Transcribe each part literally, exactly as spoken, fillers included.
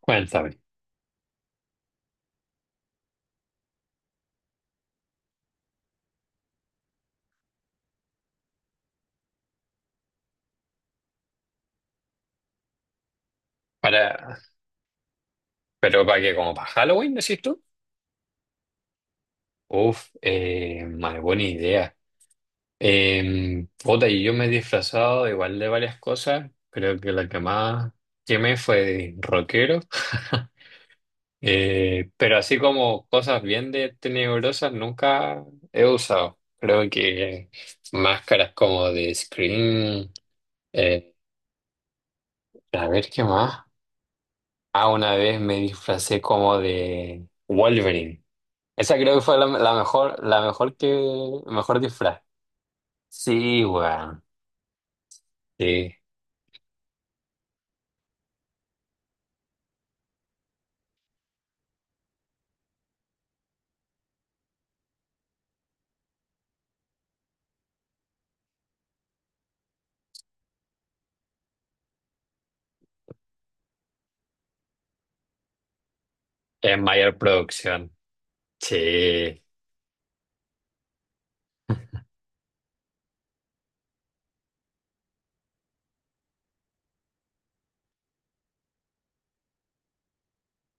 Cuéntame. Para, pero para que como para Halloween, decís tú. Uf, eh, madre, buena idea. Eh, puta, y yo me he disfrazado igual de varias cosas. Creo que la que más quemé fue de rockero. Eh, pero así como cosas bien de tenebrosas nunca he usado. Creo que máscaras como de Scream. eh, a ver qué más. Ah, una vez me disfracé como de Wolverine. Esa creo que fue la, la mejor, la mejor que, mejor disfraz. Sí, weón. Sí. Es mayor producción. Sí,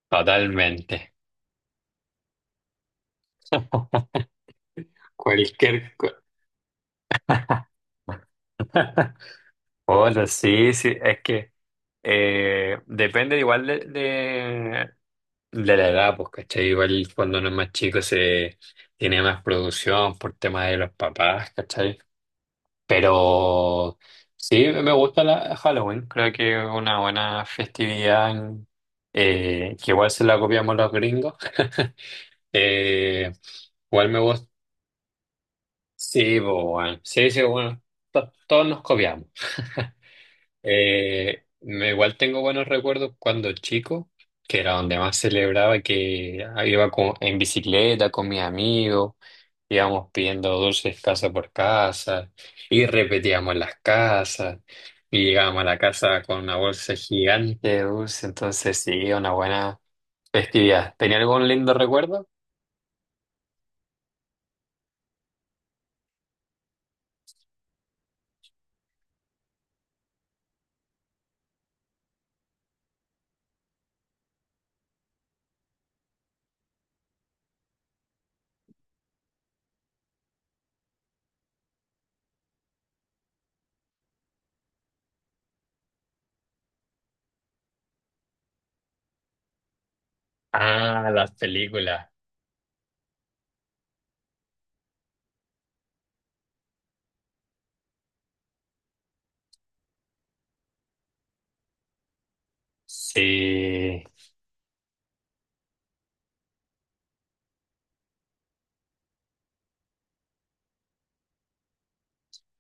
totalmente. Cualquier cosa. Bueno, sí, sí. Es que eh, depende igual de, de, de la edad, pues, ¿cachai? Igual cuando uno es más chico se tiene más producción por temas de los papás, ¿cachai? Pero sí, me gusta la Halloween. Creo que es una buena festividad en- eh, que igual se la copiamos los gringos. Eh, Igual me gusta. Sí, pues, bueno. Sí, sí, bueno. To- todos nos copiamos. Eh, me- igual tengo buenos recuerdos cuando chico, que era donde más celebraba, que iba con- en bicicleta con mis amigos, íbamos pidiendo dulces casa por casa y repetíamos las casas y llegábamos a la casa con una bolsa gigante de dulces, entonces sí, una buena festividad. ¿Tenía algún lindo recuerdo? Ah, las películas. Sí,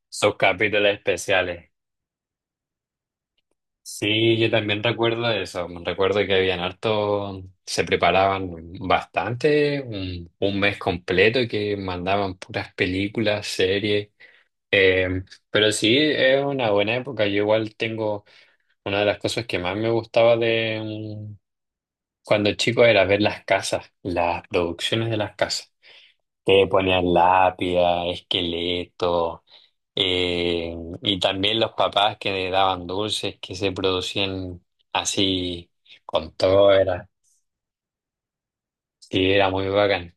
sus capítulos especiales. Sí, yo también recuerdo eso. Recuerdo que habían harto, se preparaban bastante, un, un mes completo que mandaban puras películas, series. Eh, pero sí, es una buena época. Yo igual tengo una de las cosas que más me gustaba de mm, cuando chico era ver las casas, las producciones de las casas. Que ponían lápida, esqueleto. Eh, y también los papás que le daban dulces que se producían así con todo, era, sí, era muy bacán.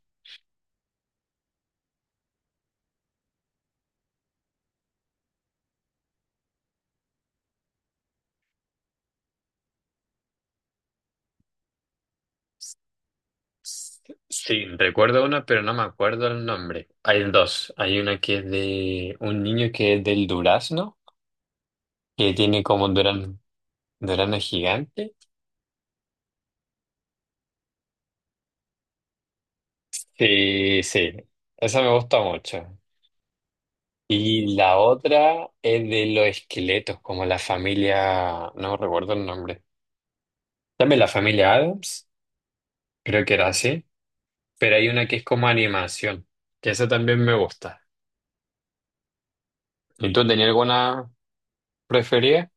Sí, recuerdo uno, pero no me acuerdo el nombre. Hay dos. Hay una que es de un niño que es del durazno, que tiene como un durazno, durazno gigante. Sí, sí, esa me gusta mucho. Y la otra es de los esqueletos, como la familia, no recuerdo el nombre. También la familia Adams. Creo que era así, pero hay una que es como animación, que esa también me gusta. ¿Y tú tenías alguna preferida?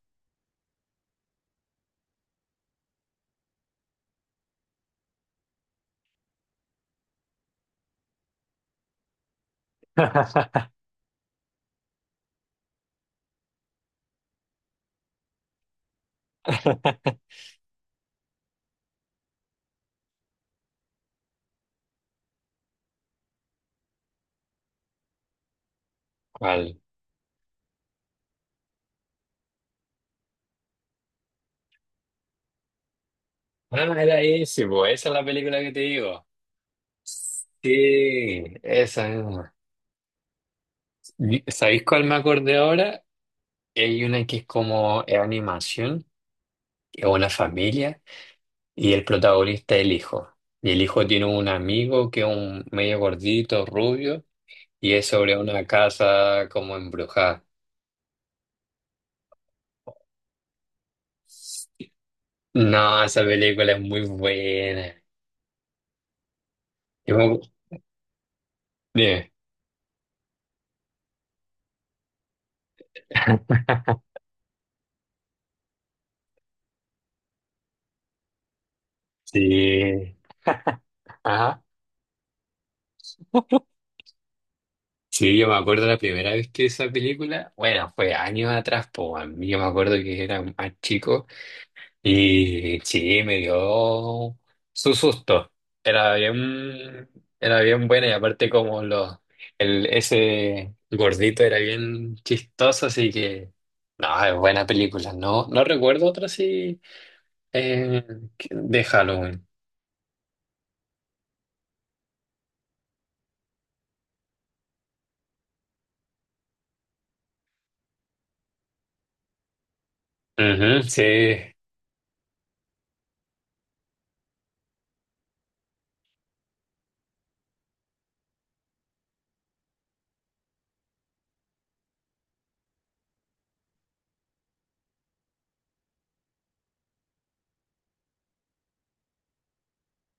¿Cuál? Ah, era ese, po, esa es la película que te digo. Sí, esa misma. Y- ¿Sabéis cuál me acordé ahora? Hay una que es como es animación, que es una familia, y el protagonista es el hijo. Y el hijo tiene un amigo que es un medio gordito, rubio, y es sobre una casa como embrujada. No, esa película es muy buena. Yo me- Dime. Sí. Ajá. Sí, yo me acuerdo la primera vez que esa película, bueno, fue años atrás, pues a mí yo me acuerdo que era más chico y sí, me dio su susto. Era bien, era bien buena y aparte como los, el, ese gordito era bien chistoso, así que, no, es buena película. No, no recuerdo otra así eh, que- de Halloween. Ujú, sí.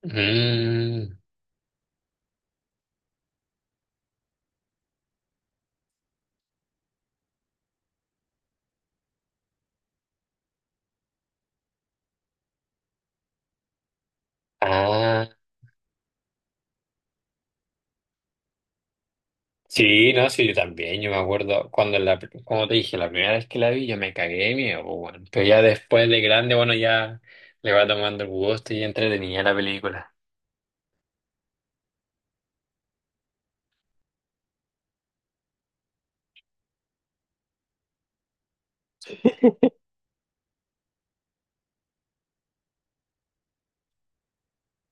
Mm. Ah, sí, no, sí, yo también. Yo me acuerdo cuando, la, pri- como te dije, la primera vez que la vi, yo me cagué de miedo, pues, bueno. Pero ya después de grande, bueno, ya le va tomando el gusto y entretenía la película.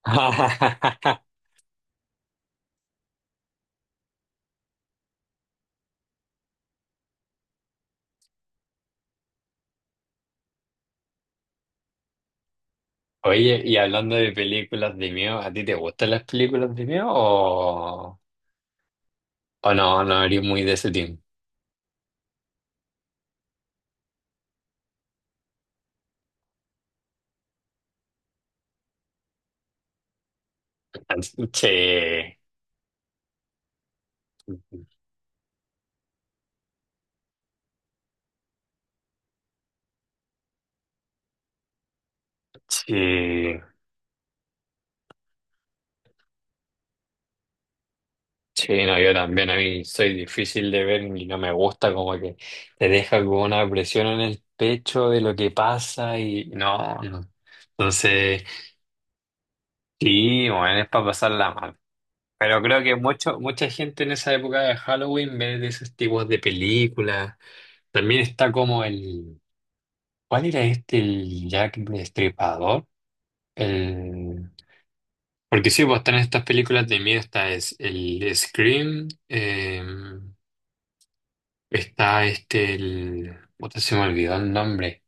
Oye, y hablando de películas de miedo, ¿a ti te gustan las películas de miedo o, o no? No eres muy de ese team. Che, che. Sí, no, yo también a mí soy difícil de ver y no me gusta como que te deja como una presión en el pecho de lo que pasa y no, no. Entonces, sí, bueno, es para pasarla mal. Pero creo que mucho, mucha gente en esa época de Halloween ve de esos tipos de películas. También está como el, ¿cuál era este? El Jack Destripador. El, porque sí, pues están estas películas de miedo, esta es el Scream. em, Está este, el... puta, se me olvidó el nombre.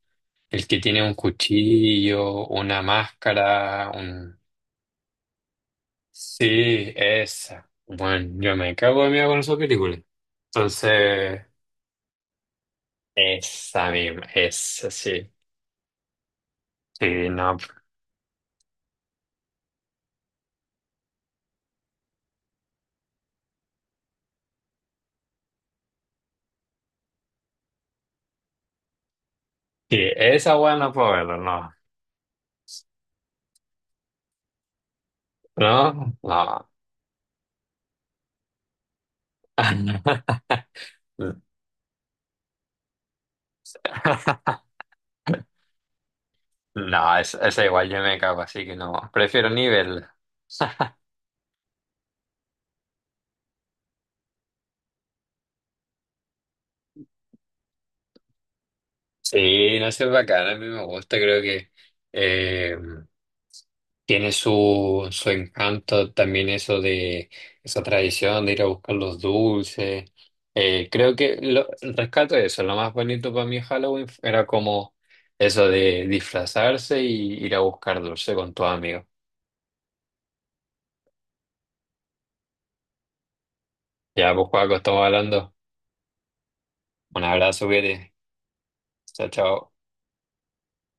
El que tiene un cuchillo, una máscara, un... Sí, esa. Bueno, yo me cago de miedo con esa película. Entonces, esa misma, esa sí. Sí, no. Sí, esa weá no puedo verla, no. No, no. No, esa, esa igual yo me cago, así que no. Prefiero ni verla. Sí, no sé, es bacán, a mí me gusta, creo que eh, tiene su, su encanto también eso de esa tradición de ir a buscar los dulces. Eh, creo que lo, rescato eso, lo más bonito para mí de Halloween era como eso de disfrazarse y ir a buscar dulce con tus amigos. Ya, pues Paco, estamos hablando. Un abrazo, Vete. Chao, chao.